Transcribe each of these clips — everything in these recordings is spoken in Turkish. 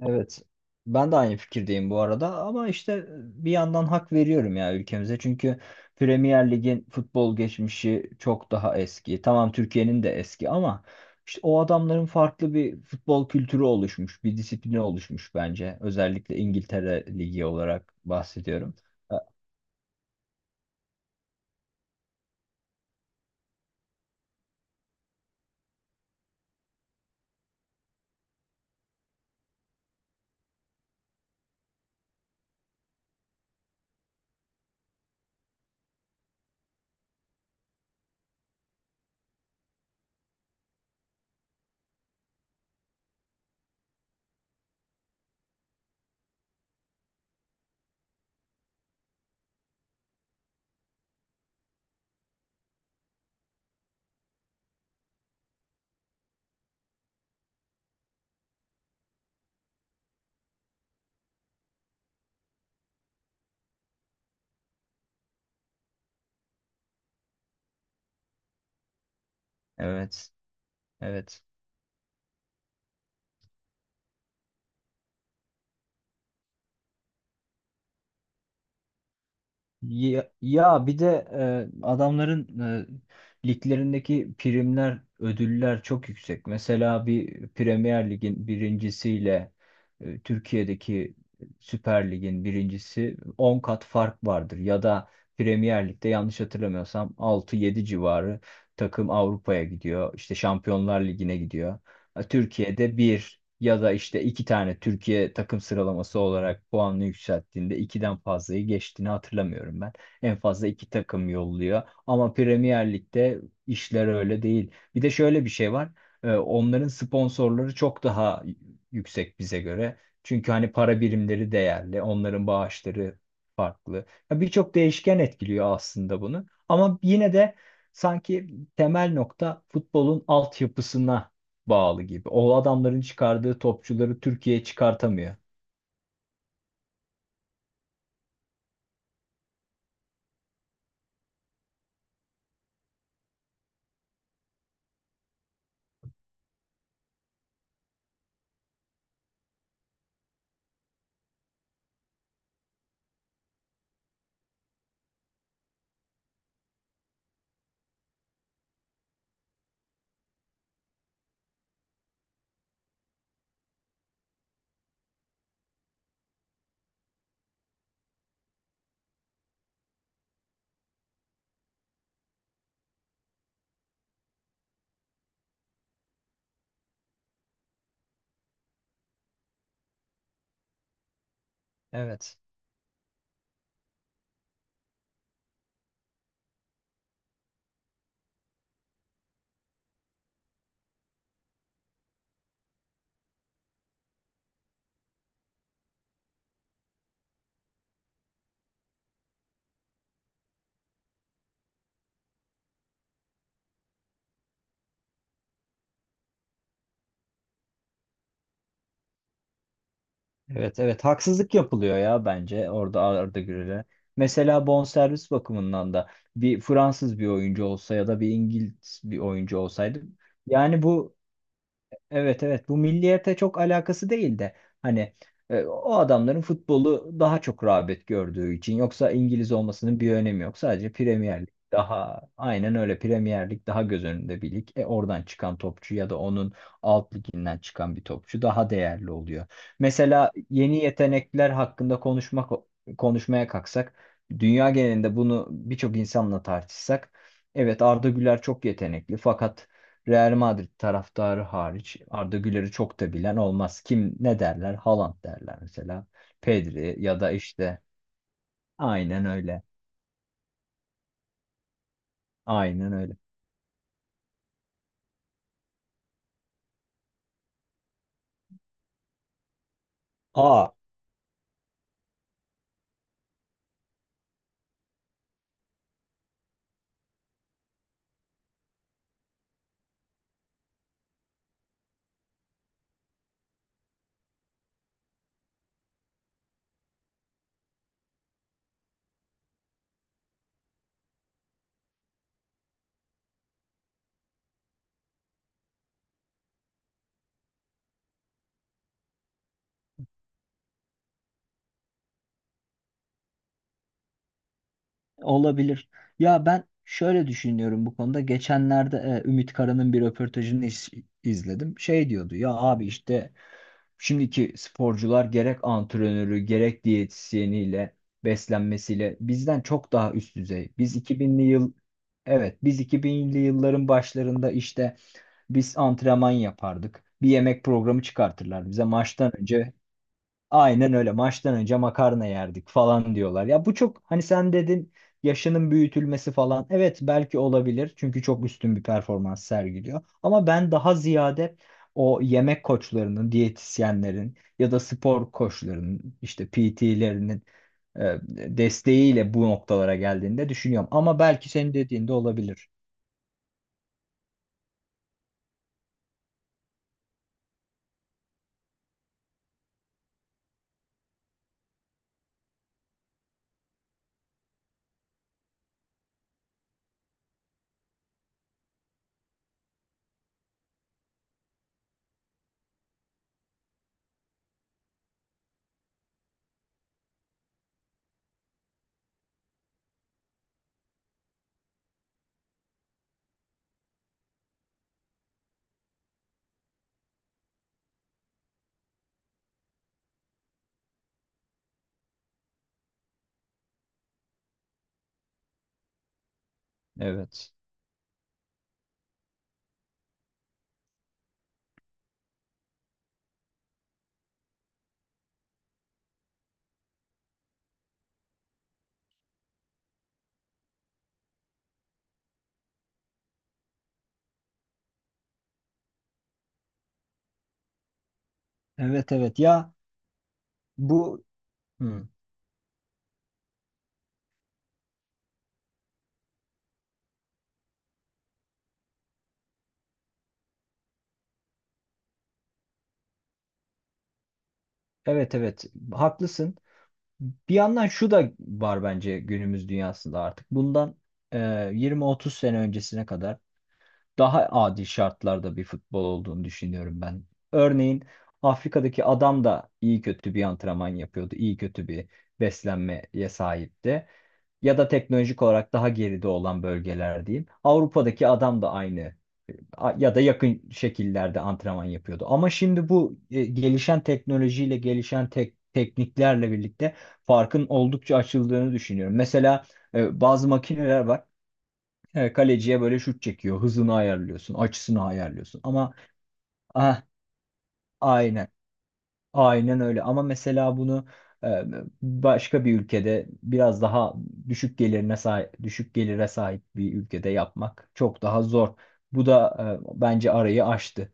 Evet. Ben de aynı fikirdeyim bu arada, ama işte bir yandan hak veriyorum ya ülkemize. Çünkü Premier Lig'in futbol geçmişi çok daha eski. Tamam, Türkiye'nin de eski ama işte o adamların farklı bir futbol kültürü oluşmuş, bir disiplini oluşmuş bence. Özellikle İngiltere Ligi olarak bahsediyorum. E, Evet, evet. Ya, bir de adamların liglerindeki primler, ödüller çok yüksek. Mesela bir Premier Lig'in birincisiyle Türkiye'deki Süper Lig'in birincisi 10 kat fark vardır. Ya da Premier Lig'de, yanlış hatırlamıyorsam, 6-7 civarı takım Avrupa'ya gidiyor. İşte Şampiyonlar Ligi'ne gidiyor. Ha, Türkiye'de bir ya da işte iki tane Türkiye takım sıralaması olarak puanını yükselttiğinde ikiden fazlayı geçtiğini hatırlamıyorum ben. En fazla iki takım yolluyor. Ama Premier Lig'de işler öyle değil. Bir de şöyle bir şey var. Onların sponsorları çok daha yüksek bize göre. Çünkü hani para birimleri değerli, onların bağışları farklı. Ya, birçok değişken etkiliyor aslında bunu. Ama yine de sanki temel nokta futbolun altyapısına bağlı gibi. O adamların çıkardığı topçuları Türkiye çıkartamıyor. Evet. Evet, evet, haksızlık yapılıyor ya bence, orada Arda Güler'e. Mesela bonservis bakımından da bir Fransız bir oyuncu olsa ya da bir İngiliz bir oyuncu olsaydı, yani bu evet, evet, bu milliyete çok alakası değil de hani o adamların futbolu daha çok rağbet gördüğü için. Yoksa İngiliz olmasının bir önemi yok. Sadece Premier Lig daha, aynen öyle, Premier Lig daha göz önünde bir lig. Oradan çıkan topçu ya da onun alt liginden çıkan bir topçu daha değerli oluyor. Mesela yeni yetenekler hakkında konuşmaya kalksak, dünya genelinde bunu birçok insanla tartışsak, evet, Arda Güler çok yetenekli fakat Real Madrid taraftarı hariç Arda Güler'i çok da bilen olmaz. Kim ne derler? Haaland derler mesela. Pedri ya da işte, aynen öyle. Aynen öyle. Aa, olabilir. Ya, ben şöyle düşünüyorum bu konuda. Geçenlerde Ümit Kara'nın bir röportajını izledim. Şey diyordu ya, abi işte şimdiki sporcular, gerek antrenörü gerek diyetisyeniyle, beslenmesiyle bizden çok daha üst düzey. Biz 2000'li yıl evet biz 2000'li yılların başlarında işte biz antrenman yapardık. Bir yemek programı çıkartırlar bize maçtan önce. Aynen öyle. Maçtan önce makarna yerdik falan diyorlar. Ya bu çok, hani sen dedin, yaşının büyütülmesi falan. Evet, belki olabilir. Çünkü çok üstün bir performans sergiliyor. Ama ben daha ziyade o yemek koçlarının, diyetisyenlerin ya da spor koçlarının, işte PT'lerinin e, desteğiyle bu noktalara geldiğinde düşünüyorum. Ama belki senin dediğinde olabilir. Evet. Evet, evet, ya, bu. Hı. Evet, evet, haklısın. Bir yandan şu da var bence günümüz dünyasında artık. Bundan e, 20-30 sene öncesine kadar daha adil şartlarda bir futbol olduğunu düşünüyorum ben. Örneğin Afrika'daki adam da iyi kötü bir antrenman yapıyordu, iyi kötü bir beslenmeye sahipti. Ya da teknolojik olarak daha geride olan bölgeler diyeyim. Avrupa'daki adam da aynı ya da yakın şekillerde antrenman yapıyordu. Ama şimdi bu gelişen teknolojiyle, gelişen tekniklerle birlikte farkın oldukça açıldığını düşünüyorum. Mesela bazı makineler var. Kaleciye böyle şut çekiyor. Hızını ayarlıyorsun, açısını ayarlıyorsun. Ama ah, aynen, aynen öyle. Ama mesela bunu e, başka bir ülkede, biraz daha düşük gelire sahip bir ülkede yapmak çok daha zor. Bu da bence arayı aştı.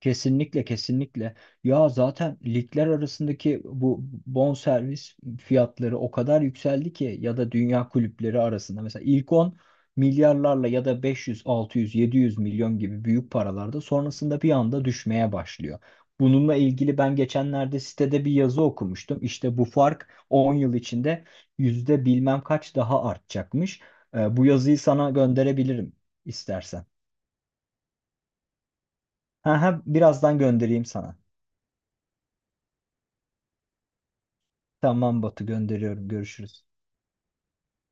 Kesinlikle, kesinlikle. Ya zaten ligler arasındaki bu bonservis fiyatları o kadar yükseldi ki, ya da dünya kulüpleri arasında mesela ilk on, milyarlarla ya da 500, 600, 700 milyon gibi büyük paralarda, sonrasında bir anda düşmeye başlıyor. Bununla ilgili ben geçenlerde sitede bir yazı okumuştum. İşte bu fark 10 yıl içinde yüzde bilmem kaç daha artacakmış. Bu yazıyı sana gönderebilirim istersen. Ha, ha, birazdan göndereyim sana. Tamam Batu, gönderiyorum. Görüşürüz.